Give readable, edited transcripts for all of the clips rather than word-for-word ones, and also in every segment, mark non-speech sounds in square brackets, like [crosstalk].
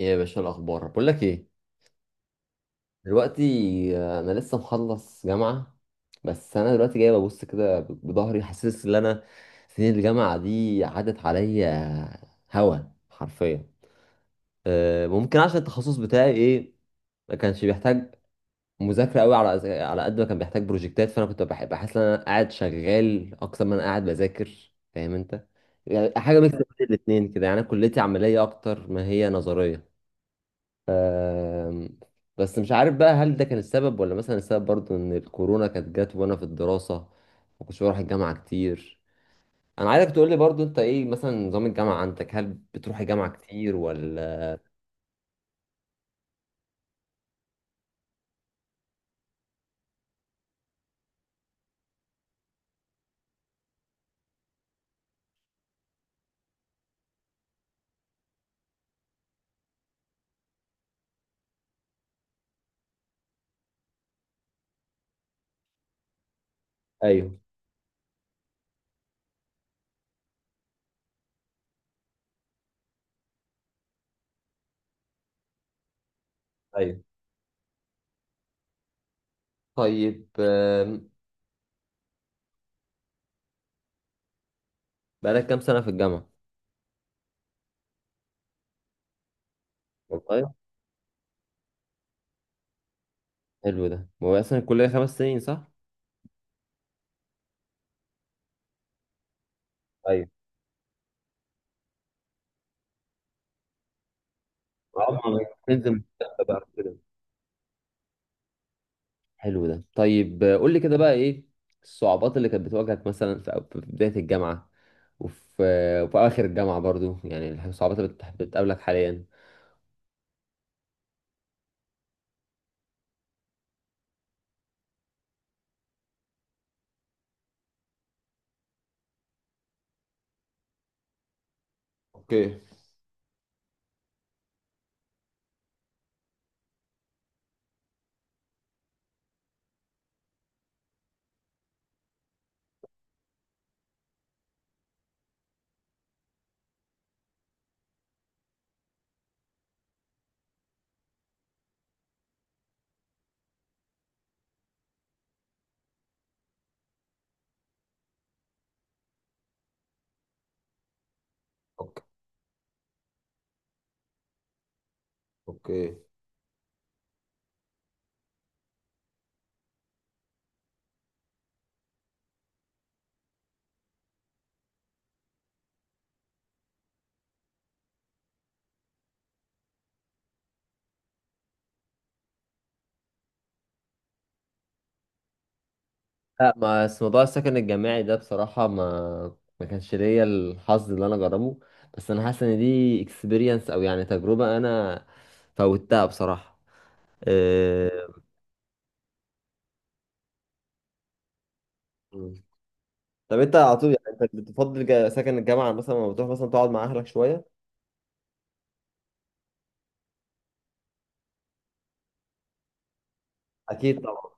إيه يا باشا الأخبار بقول لك إيه دلوقتي. أنا لسه مخلص جامعة. بس أنا دلوقتي جاي ببص كده بظهري حاسس إن أنا سنين الجامعة دي عدت عليا هوا حرفيا. ممكن عشان التخصص بتاعي إيه ما كانش بيحتاج مذاكرة قوي على قد ما كان بيحتاج بروجكتات، فأنا كنت بحس إن أنا قاعد شغال أكتر ما أنا قاعد بذاكر، فاهم أنت؟ يعني حاجة ميكس بين الاتنين كده، يعني أنا كليتي عملية أكتر ما هي نظرية. آم، بس مش عارف بقى هل ده كان السبب، ولا مثلا السبب برضو ان الكورونا كانت جت وانا في الدراسة، ما كنتش بروح الجامعة كتير. انا عايزك تقول لي برضو انت ايه مثلا نظام الجامعة عندك، هل بتروح الجامعة كتير ولا؟ ايوه. ايوه. طيب. بقالك كام سنة في الجامعة؟ والله. حلو ده، هو اصلا الكلية 5 سنين صح؟ ايوه. عمرك تنزل بقى كده. حلو ده. طيب، قول لي كده بقى ايه الصعوبات اللي كانت بتواجهك مثلا في بداية الجامعة، وفي وفي اواخر الجامعه برضو، يعني الصعوبات اللي بتقابلك حاليا؟ اوكي. اوكي. اوكي. لا، ما بس موضوع السكن الجامعي ده بصراحة ما كانش ليا الحظ اللي انا اجربه، بس انا حاسس ان دي اكسبيرينس او يعني تجربة انا فوتها بصراحة. إيه... مم. طب انت على طول يعني انت بتفضل سكن الجامعة مثلا لما بتروح مثلا تقعد مع اهلك شوية؟ اكيد طبعا.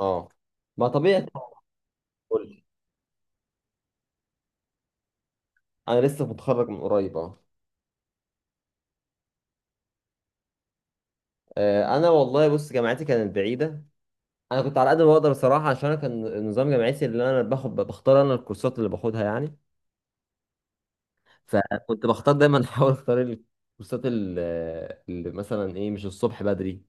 اه. ما طبيعي طبعاً. قول لي. انا لسه متخرج من قريب اه. انا والله بص جامعتي كانت بعيدة. انا كنت على قد ما بقدر الصراحه، عشان أنا كان النظام جامعتي اللي انا باخد بختار انا الكورسات اللي باخدها يعني. فكنت بختار دايما [laughs] احاول اختار اللي مثلا ايه مش الصبح بدري،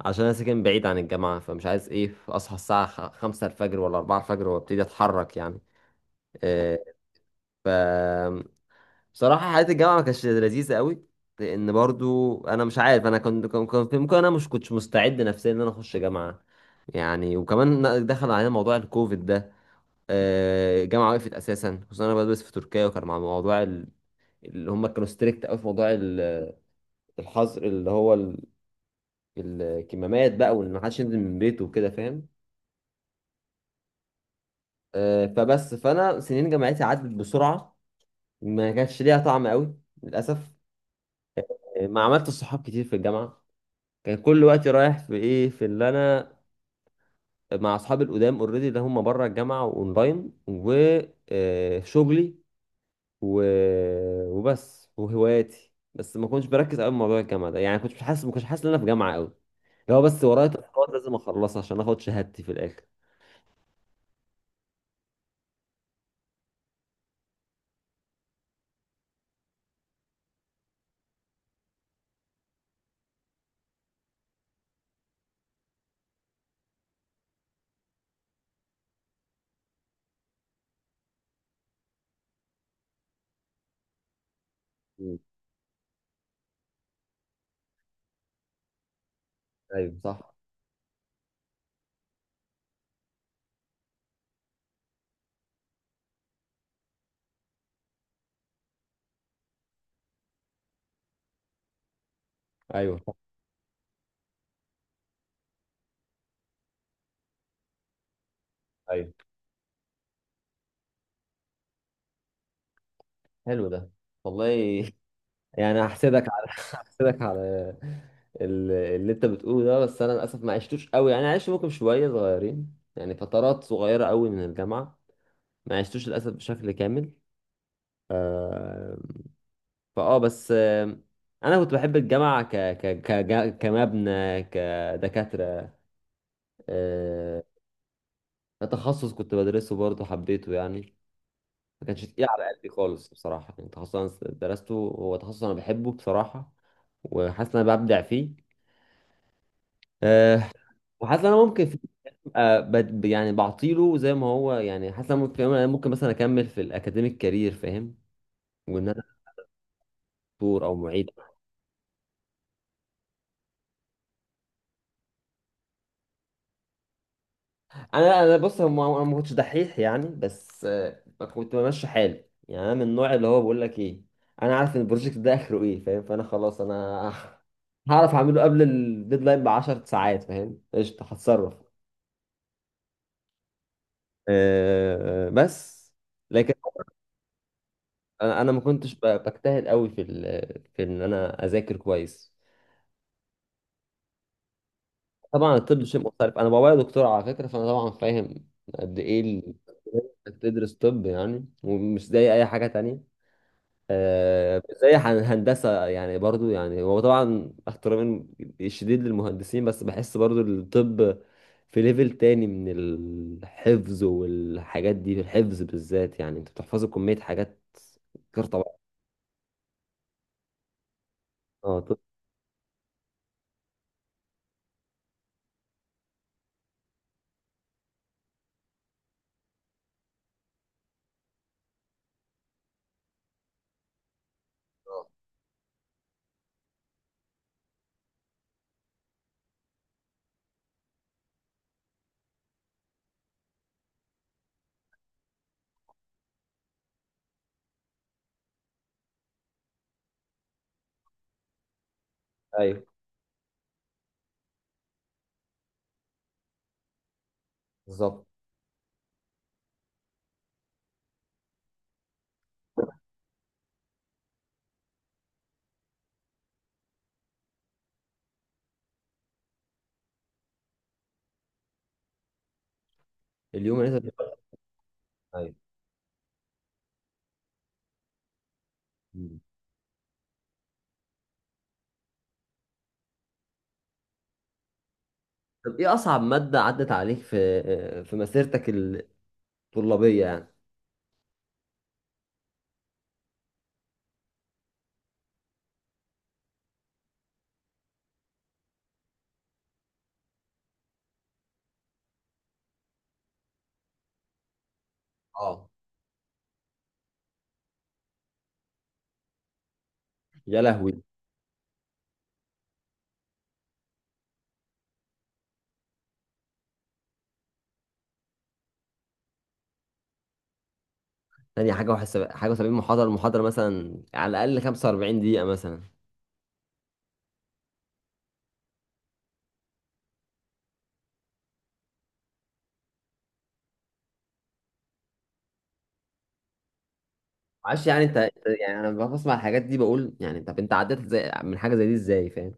عشان انا ساكن بعيد عن الجامعه فمش عايز ايه اصحى الساعه 5 الفجر ولا 4 الفجر وابتدي اتحرك يعني. إيه، ف بصراحه حياه الجامعه ما كانتش لذيذه قوي، لان برضو انا مش عارف انا كنت كان كان في ممكن انا مش كنتش مستعد نفسيا ان انا اخش جامعه يعني. وكمان دخل علينا موضوع الكوفيد ده. الجامعه وقفت اساسا، خصوصا انا بدرس في تركيا، وكان مع موضوع اللي هم كانوا ستريكت قوي في موضوع الحظر اللي هو الكمامات بقى، وان محدش ينزل من بيته وكده، فاهم؟ فبس فانا سنين جامعتي عدت بسرعه، ما كانش ليها طعم قوي، للاسف. ما عملت صحاب كتير في الجامعه، كان كل وقتي رايح في ايه في اللي انا مع اصحابي القدام اوريدي اللي هم بره الجامعه واونلاين وشغلي و... وبس وهواياتي، بس ما كنتش بركز قوي في موضوع الجامعه ده، يعني كنت مش حاسس ما كنتش حاسس ان انا في جامعه قوي، لو بس ورايا تاسكات لازم اخلصها عشان اخد شهادتي في الاخر. مم. ايوه صح. ايوه صح. ايوه. حلو ده. والله. [laughs] يعني هحسدك على اللي انت بتقوله ده، بس انا للاسف ما عشتوش قوي، يعني عشت ممكن شويه صغيرين، يعني فترات صغيره قوي من الجامعه ما عشتوش للاسف بشكل كامل. آه، فاه بس انا كنت بحب الجامعه ك ك ك كمبنى، كدكاتره. آه، تخصص كنت بدرسه برضه حبيته يعني، ما كانش تقيل على قلبي خالص بصراحه، يعني تخصص انا درسته هو تخصص انا بحبه بصراحه، وحاسس ان انا ببدع فيه. أه. وحاسس ان انا ممكن في. أه يعني بعطيله زي ما هو يعني، حاسس ان انا ممكن مثلا اكمل في الاكاديميك كارير، فاهم؟ وان انا دكتور او معيد. انا بص انا ما كنتش دحيح، يعني بس كنت بمشي حالي يعني، انا من النوع اللي هو بقول لك ايه، انا عارف ان البروجكت ده اخره ايه، فاهم؟ فانا خلاص انا [laughs] هعرف اعمله قبل الديدلاين ب 10 ساعات، فاهم؟ قشطه هتصرف. أه بس لكن انا، ما كنتش بجتهد قوي في ان انا اذاكر كويس. طبعا الطب شيء مختلف، انا بابايا دكتور على فكره، فانا طبعا فاهم قد ايه انك تدرس طب يعني، ومش زي اي حاجه تانية. زي هندسة، يعني برضو يعني هو طبعا احترامي الشديد للمهندسين، بس بحس برضو الطب في ليفل تاني من الحفظ والحاجات دي، الحفظ بالذات يعني انت بتحفظ كمية حاجات غير طبعا. اه طب. ايوه بالظبط. اليوم اللي انت. ايوه. مم. طب ايه اصعب مادة عدت عليك في مسيرتك الطلابية يعني؟ اه. يا لهوي. تاني حاجة وحساب 71 محاضرة، المحاضرة مثلا على الأقل 45 دقيقة مثلا. معرفش يعني يعني انا بسمع الحاجات دي بقول يعني، طب انت عديت زي من حاجه زي دي ازاي، فاهم؟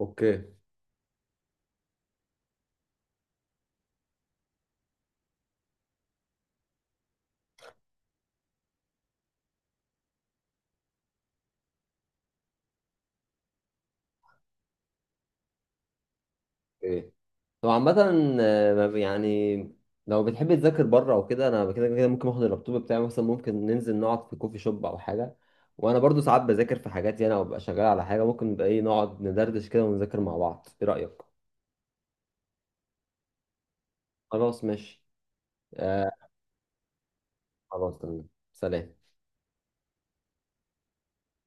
اوكي. اوكي طبعا. عامه، ما بي- يعني لو بتحب تذاكر بره او كده، انا كده كده ممكن اخد اللابتوب بتاعي مثلا، ممكن ننزل نقعد في كوفي شوب او حاجه، وانا برضو ساعات بذاكر في حاجاتي انا وببقى شغال على حاجه، ممكن نبقى ايه نقعد ندردش كده ونذاكر مع بعض، ايه رايك؟ خلاص ماشي. آه. خلاص تمام سلام.